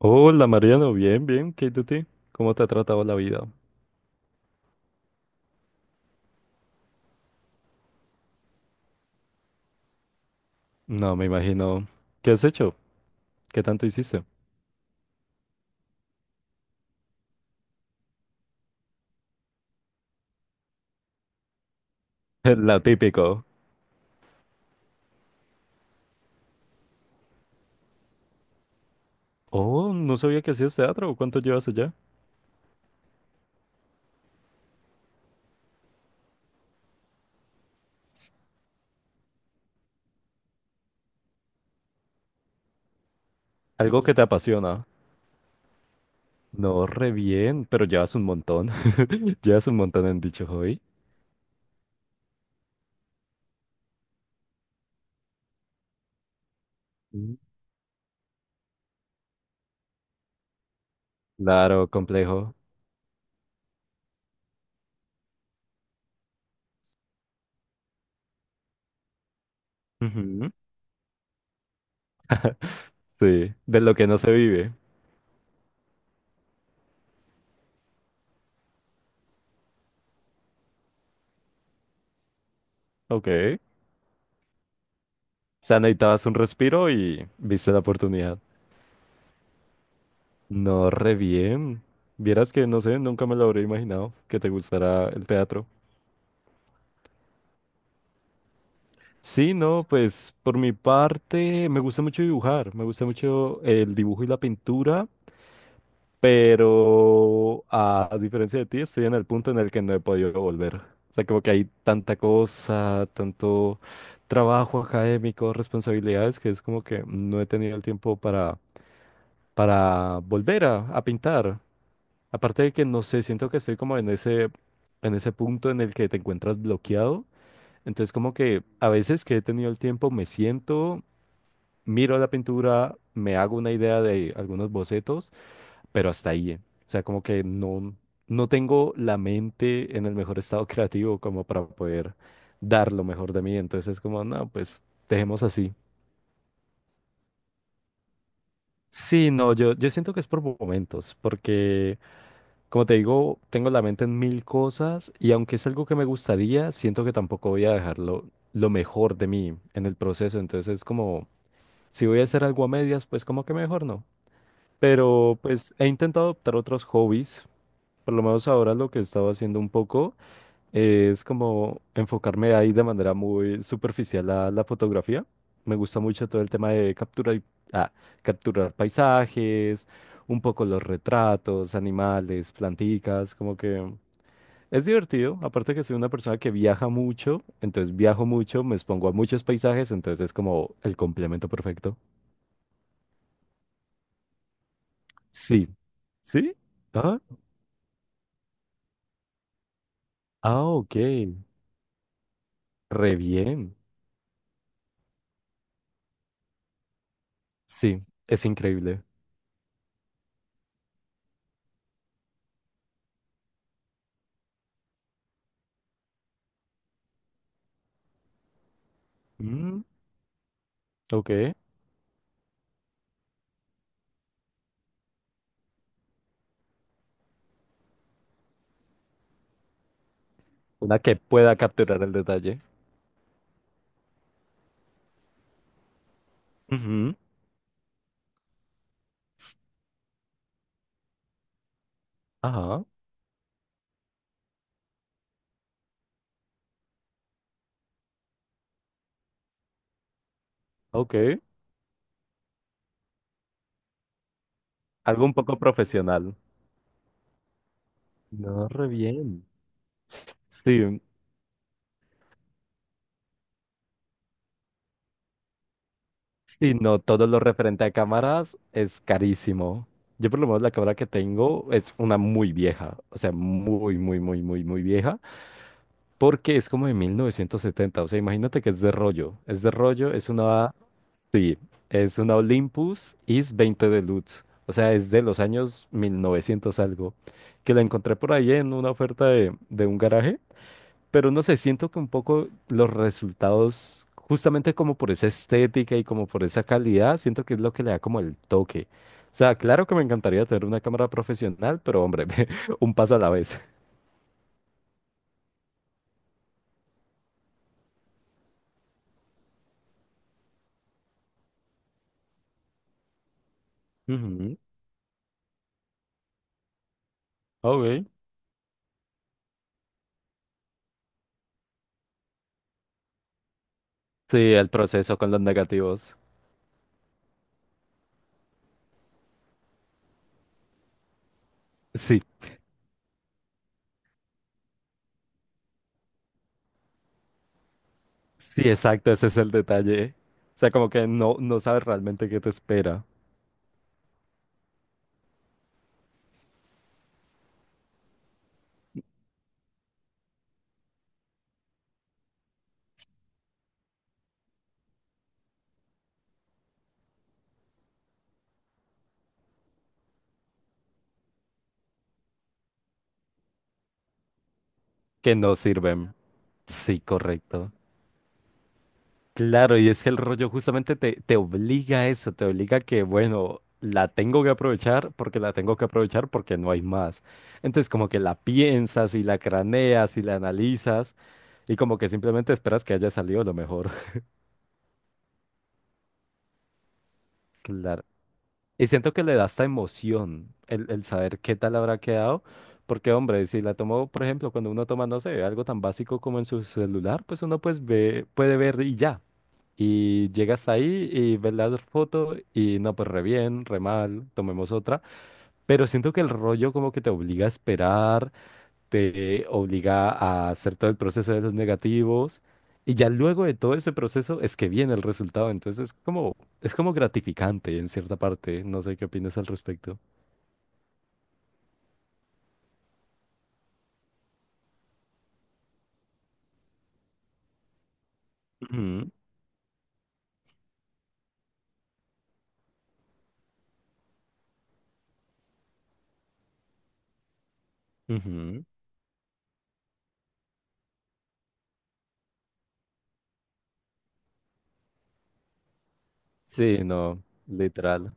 Hola Mariano, bien, bien, ¿qué hay de ti? ¿Cómo te ha tratado la vida? No, me imagino. ¿Qué has hecho? ¿Qué tanto hiciste? Lo típico. Oh, no sabía que hacías teatro. ¿Cuánto llevas allá? Algo que te apasiona. No, re bien, pero llevas un montón. Llevas un montón en dicho hobby. Mm. Claro, complejo. Ujú. Sí, de lo que no se vive. Ok. O sea, necesitabas un respiro y viste la oportunidad. No, re bien. Vieras que, no sé, nunca me lo habría imaginado que te gustara el teatro. Sí, no, pues por mi parte me gusta mucho dibujar, me gusta mucho el dibujo y la pintura, pero a diferencia de ti estoy en el punto en el que no he podido volver. O sea, como que hay tanta cosa, tanto trabajo académico, responsabilidades, que es como que no he tenido el tiempo para volver a pintar. Aparte de que no sé, siento que estoy como en ese punto en el que te encuentras bloqueado. Entonces como que a veces que he tenido el tiempo me siento miro la pintura, me hago una idea de algunos bocetos, pero hasta ahí. O sea, como que no, no tengo la mente en el mejor estado creativo como para poder dar lo mejor de mí. Entonces es como, no, pues dejemos así. Sí, no, yo siento que es por momentos, porque como te digo, tengo la mente en mil cosas y aunque es algo que me gustaría, siento que tampoco voy a dejarlo lo mejor de mí en el proceso. Entonces es como, si voy a hacer algo a medias, pues como que mejor no. Pero pues he intentado adoptar otros hobbies. Por lo menos ahora lo que he estado haciendo un poco es como enfocarme ahí de manera muy superficial a la fotografía. Me gusta mucho todo el tema de capturar, ah, capturar paisajes, un poco los retratos, animales, planticas, como que es divertido. Aparte que soy una persona que viaja mucho, entonces viajo mucho, me expongo a muchos paisajes, entonces es como el complemento perfecto. Sí. ¿Sí? Ah, ah, ok. Re bien. Sí, es increíble. Mm, ok. Una que pueda capturar el detalle. Ujú. Ajá. Ok. Algo un poco profesional. No, re bien. Sí. Sí, no, todo lo referente a cámaras es carísimo. Yo por lo menos la cámara que tengo es una muy vieja. O sea, muy, muy, muy, muy, muy vieja. Porque es como de 1970. O sea, imagínate que es de rollo. Es de rollo, es una Sí, es una Olympus IS 20 Deluxe. O sea, es de los años 1900 algo. Que la encontré por ahí en una oferta de un garaje. Pero no sé, siento que un poco los resultados, justamente como por esa estética y como por esa calidad, siento que es lo que le da como el toque. O sea, claro que me encantaría tener una cámara profesional, pero hombre, un paso a la vez. Ujú, ok. Sí, el proceso con los negativos. Sí, sí, exacto, ese es el detalle. O sea, como que no, no sabes realmente qué te espera, que no sirven. Sí, correcto. Claro, y es que el rollo justamente te obliga a eso, te obliga a que, bueno, la tengo que aprovechar porque la tengo que aprovechar porque no hay más. Entonces, como que la piensas y la craneas y la analizas y como que simplemente esperas que haya salido lo mejor. Y siento que le da esta emoción el saber qué tal habrá quedado, porque hombre, si la tomo por ejemplo, cuando uno toma, no sé, algo tan básico como en su celular, pues uno pues ve, puede ver y ya. Y llegas ahí y ves la foto y no, pues re bien, re mal, tomemos otra. Pero siento que el rollo como que te obliga a esperar te obliga a hacer todo el proceso de los negativos y ya luego de todo ese proceso es que viene el resultado, entonces es como gratificante en cierta parte, no sé qué opinas al respecto. Ujú, ujú. Sí, no, literal.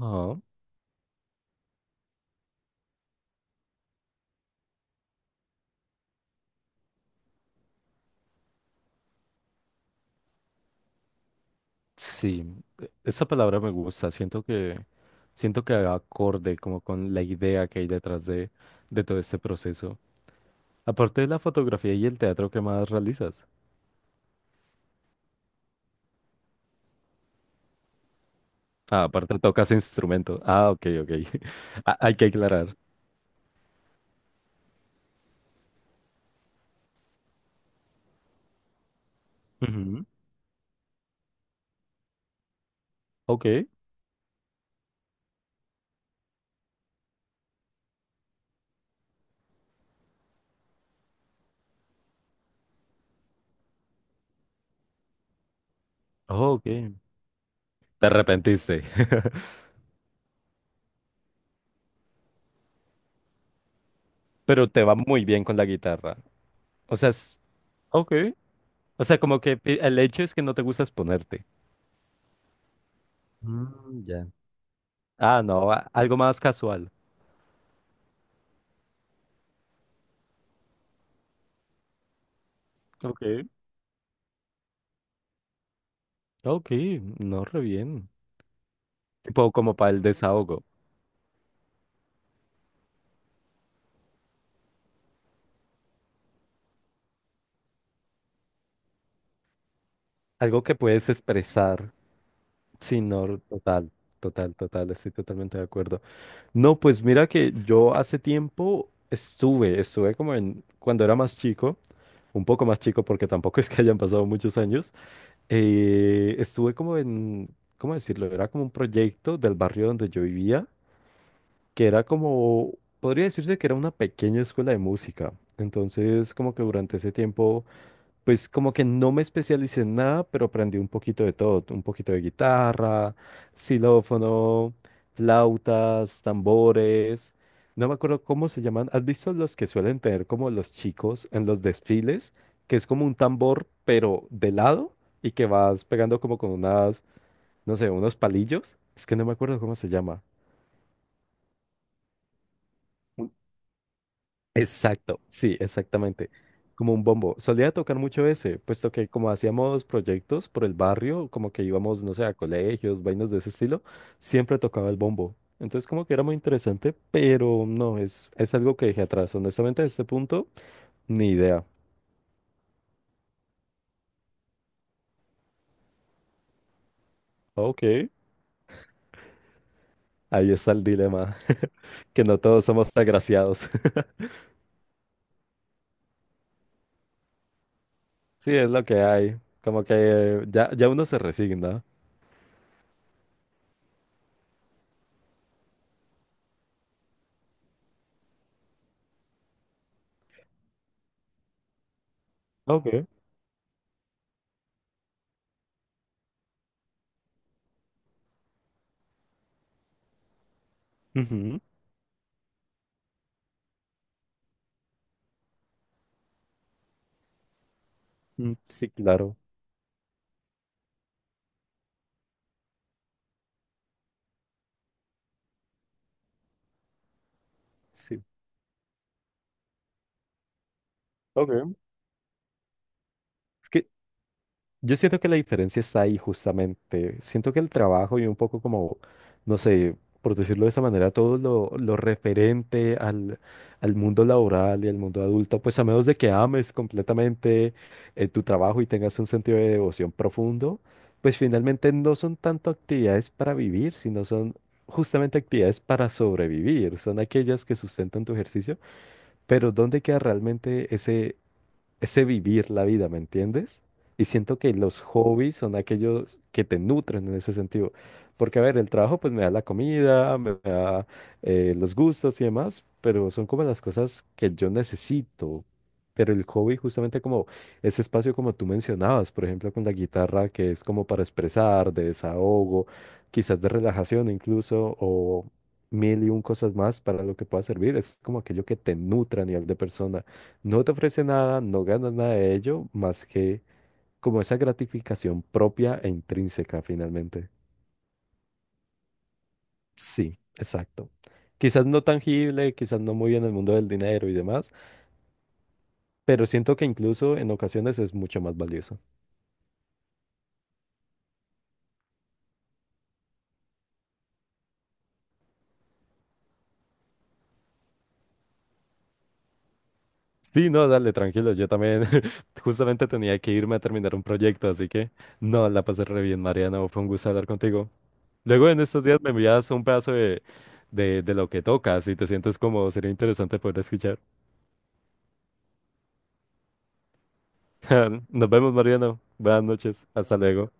Ajá. Sí, esa palabra me gusta, siento que haga acorde como con la idea que hay detrás de todo este proceso. Aparte de la fotografía y el teatro, ¿qué más realizas? Ah, aparte tocas instrumento. Ah, ok, ok. Ah, hay que aclarar. Ujú. Ok, oh, ok. Te arrepentiste, pero te va muy bien con la guitarra. O sea, es. Ok. O sea, como que el hecho es que no te gusta exponerte. Mm, ya. Ah, no, algo más casual. Ok. Ok, no, re bien. Tipo como para el desahogo. Algo que puedes expresar. Sí, no, total, total, total, estoy totalmente de acuerdo. No, pues mira que yo hace tiempo estuve como en, cuando era más chico, un poco más chico porque tampoco es que hayan pasado muchos años, estuve como en, ¿cómo decirlo? Era como un proyecto del barrio donde yo vivía, que era como, podría decirse que era una pequeña escuela de música. Entonces, como que durante ese tiempo pues como que no me especialicé en nada, pero aprendí un poquito de todo, un poquito de guitarra, xilófono, flautas, tambores. No me acuerdo cómo se llaman. ¿Has visto los que suelen tener como los chicos en los desfiles? Que es como un tambor, pero de lado y que vas pegando como con unas, no sé, unos palillos. Es que no me acuerdo cómo se llama. Exacto, sí, exactamente. Como un bombo. Solía tocar mucho ese, puesto que como hacíamos proyectos por el barrio, como que íbamos, no sé, a colegios, vainas de ese estilo, siempre tocaba el bombo. Entonces como que era muy interesante, pero no, es algo que dejé atrás. Honestamente, a este punto, ni idea. Ok. Ahí está el dilema, que no todos somos agraciados. Sí, es lo que hay. Como que ya, ya uno se resigna. Ok. Ujú. Mm, sí, claro. Sí. Ok. Yo siento que la diferencia está ahí justamente. Siento que el trabajo y un poco como, no sé, por decirlo de esa manera, todo lo referente al mundo laboral y al mundo adulto, pues a menos de que ames completamente tu trabajo y tengas un sentido de devoción profundo, pues finalmente no son tanto actividades para vivir, sino son justamente actividades para sobrevivir. Son aquellas que sustentan tu ejercicio, pero ¿dónde queda realmente ese vivir la vida? ¿Me entiendes? Y siento que los hobbies son aquellos que te nutren en ese sentido. Porque, a ver, el trabajo pues me da la comida, me da los gustos y demás, pero son como las cosas que yo necesito. Pero el hobby justamente como ese espacio como tú mencionabas, por ejemplo, con la guitarra, que es como para expresar, de desahogo, quizás de relajación incluso, o mil y un cosas más para lo que pueda servir, es como aquello que te nutra a nivel de persona. No te ofrece nada, no ganas nada de ello, más que como esa gratificación propia e intrínseca finalmente. Sí, exacto. Quizás no tangible, quizás no muy en el mundo del dinero y demás, pero siento que incluso en ocasiones es mucho más valioso. Sí, no, dale, tranquilo, yo también justamente tenía que irme a terminar un proyecto, así que no, la pasé re bien, Mariano, fue un gusto hablar contigo. Luego en estos días me envías un pedazo de lo que tocas y te sientes como sería interesante poder escuchar. Nos vemos, Mariano. Buenas noches. Hasta luego.